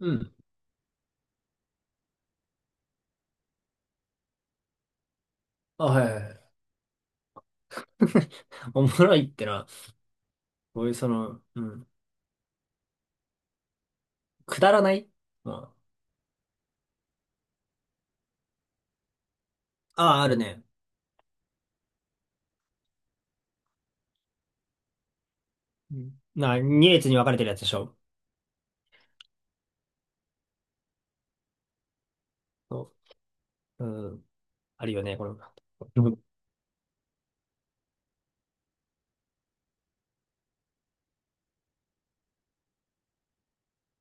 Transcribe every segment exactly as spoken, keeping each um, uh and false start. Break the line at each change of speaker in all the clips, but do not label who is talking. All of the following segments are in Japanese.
うん。あ、はいはいはい。おもろいってな。こういうその、うん。くだらない。まあ、ああ、あるね。うんな、にれつ列に分かれてるやつでしょ。そう。うん。あるよね、この。うん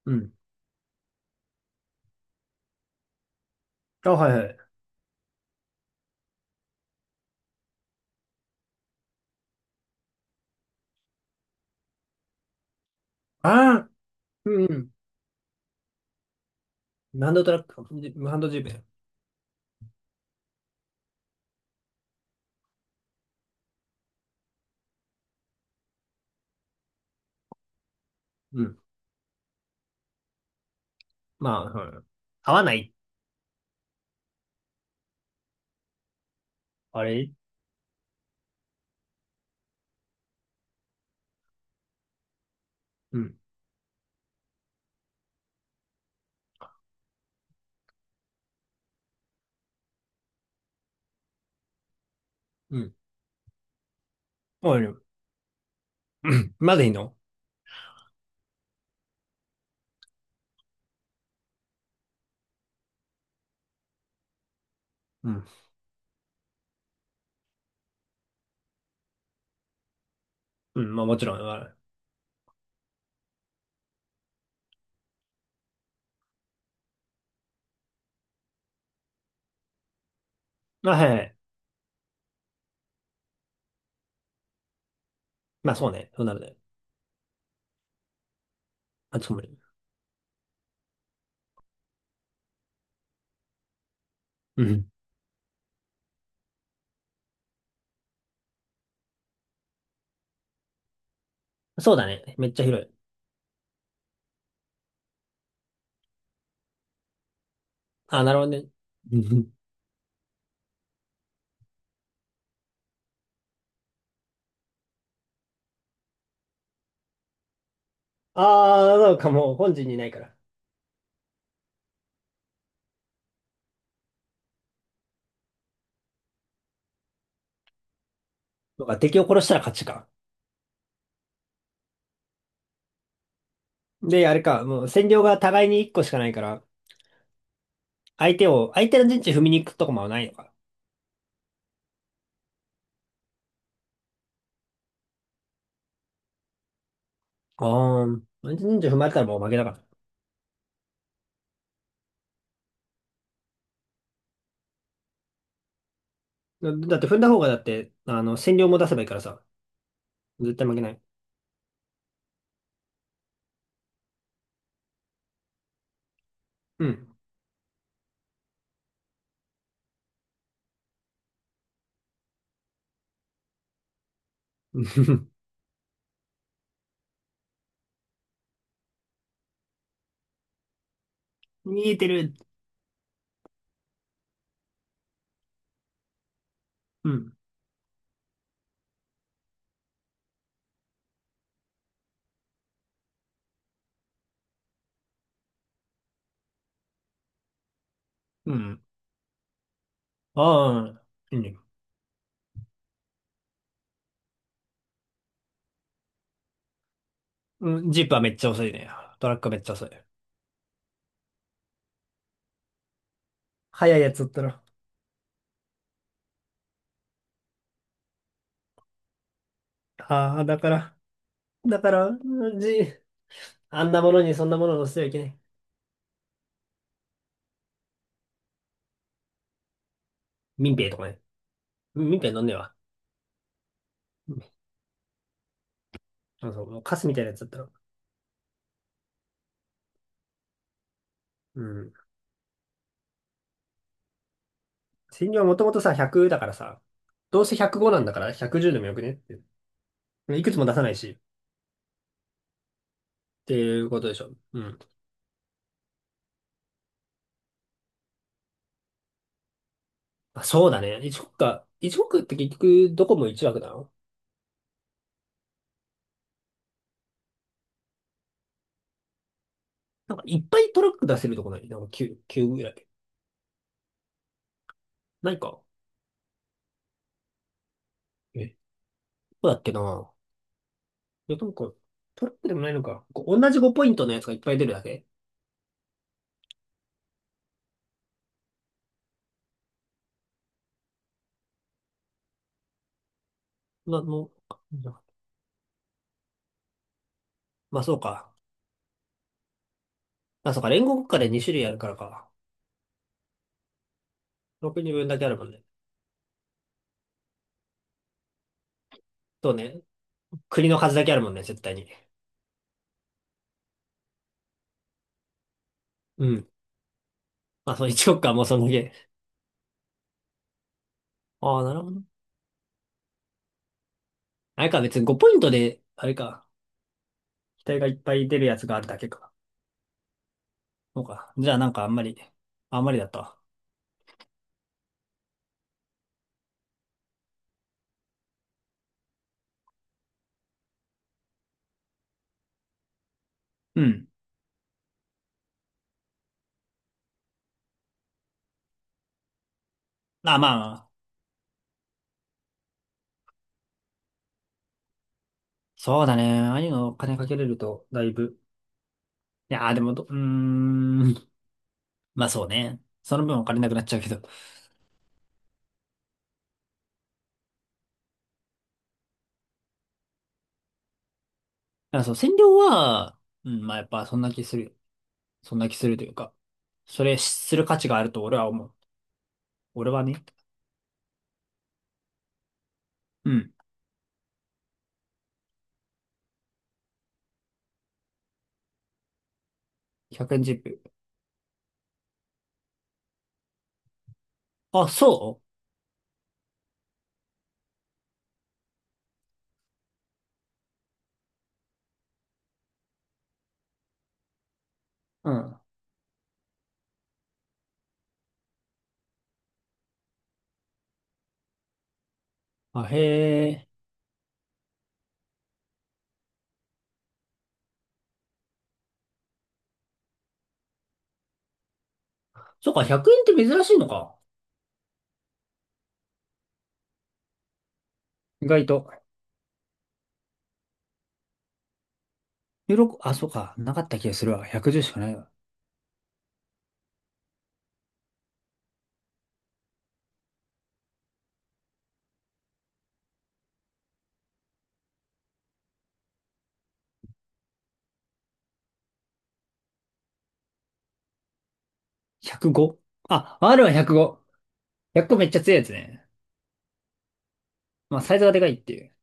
うん。あ、はいはい。ああ、うん。ハンドトラック、ハンドジーペン。うん。まあ、はい、合わない。あれ、うん。うん。おい、まだいいの？うん。うん、まあもちろん。あ、はいはい。まあそうね。そうなるね。あ、つもり。うん。そうだね。めっちゃ広い。あ、なるほどね。ああ、なんかもう本陣にないから。そうか、敵を殺したら勝ちか。で、あれか、もう占領が互いにいっこしかないから、相手を、相手の陣地踏みに行くとこもないのか。ああ、相手の陣地踏まれたらもう負けだから。だだって踏んだ方がだって、あの、占領も出せばいいからさ、絶対負けない。うん。見えてる。うん。うん。ああ、いいね。うん、ジープはめっちゃ遅いね。トラックはめっちゃ遅い。速いやつだったら。ああ、だから、だから、うんジ、あんなものにそんなもの乗せてはいけない。民兵とかね。みたいになんねえわ。うん、あそう、カスみたいなやつだったら。うん。千両はもともとさ、ひゃくだからさ、どうせひゃくごなんだからひゃくじゅうでもよくねって。いくつも出さないし、っていうことでしょ。うん。あ、そうだね。いっこく国か。いっこく国って結局どこもいちわく枠なの？なんかいっぱいトラック出せるとこない？なんかきゅう、きゅうぐらい。ないか。え、どうだっけ。ないや、なんか、トラックでもないのか。こう同じごポイントポイントのやつがいっぱい出るだけ。な、もう、まあそうか。あ、そうか。連合国家でにしゅるい種類あるからか。ろくにんぶんだけあるもんね。そうね。国の数だけあるもんね、絶対に。うん。まあ、そのいっこく国かもうそんだけ。ああ、なるほど。あれか、別にごポイントポイントで、あれか、機体がいっぱい出るやつがあるだけか。そうか。じゃあ、なんかあんまり、あんまりだったわ。うん。まあ、まあ、そうだね。ああいうのお金かけれると、だいぶ。いやー、でもど、うーん。まあそうね。その分お金なくなっちゃうけど。だからそう、占領は、うん、まあやっぱそんな気する。そんな気するというか。それする価値があると俺は思う。俺はね。うん。ひゃくえんジップ。あ、そう、うん。あ、へえ。そっか、ひゃくえんって珍しいのか。意外と。よろこ、あ、そうか。なかった気がするわ。ひゃくじゅうしかないわ。ひゃくご？ あ、R はひゃくご。ひゃくごめっちゃ強いやつね。まあ、サイズがでかいっていう。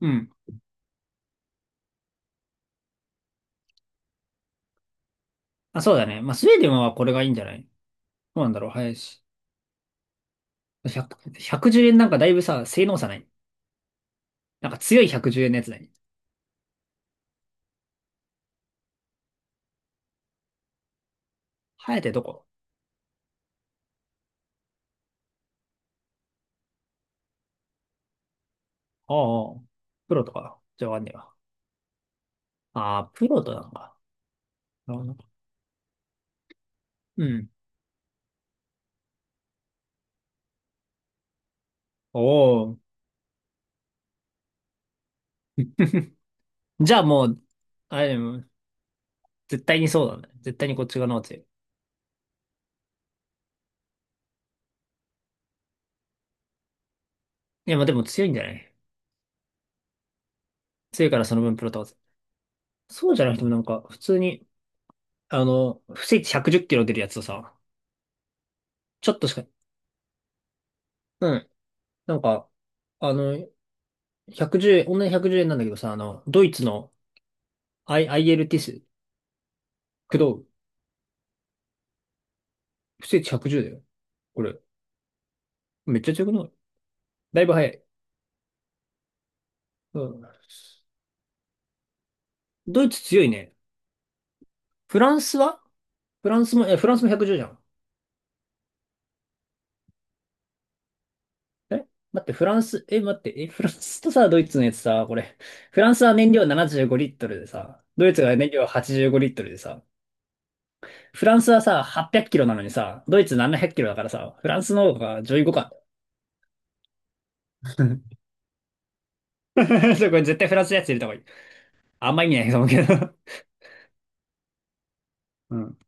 うん。あ、そうだね。まあ、スウェーデンはこれがいいんじゃない？どうなんだろう。早いし。いち ぜろ いち ぜろえんなんかだいぶさ、性能差ない。なんか強いひゃくじゅうえんのやつない？ハヤテどこ？ああ、プロとか。じゃあわかんねえわ。ああ、プロとなのか。なるほど。うん。おお。じゃあもう、あれ、絶対にそうだね。絶対にこっち側の方が強い。いや、まあでも強いんじゃない？強いからその分プロ倒せ。そうじゃなくてもなんか、普通に、あの、不正値ひゃくじゅっキロ出るやつとさ、ちょっとしか、うん。なんか、あの、ひゃくじゅうえん、同じひゃくじゅうえんなんだけどさ、あの、ドイツの I、アイエ l ティス、駆動、不正値ひゃくじゅうだよ。これ、めっちゃ強くない？だいぶ早い。うん。ドイツ強いね。フランスはフランスも、え、フランスもひゃくじゅうじゅうじゃん。え待って、フランス、え、待って、え、フランスとさ、ドイツのやつさ、これ、フランスは燃料ななじゅうごリットルでさ、ドイツが燃料はちじゅうごリットルでさ、フランスはさ、はっぴゃくキロなのにさ、ドイツななひゃくキロだからさ、フランスの方が上位互換。そうこれ絶対フランスのやつ入れた方がいい。あんま意味ないと思うけど。うん。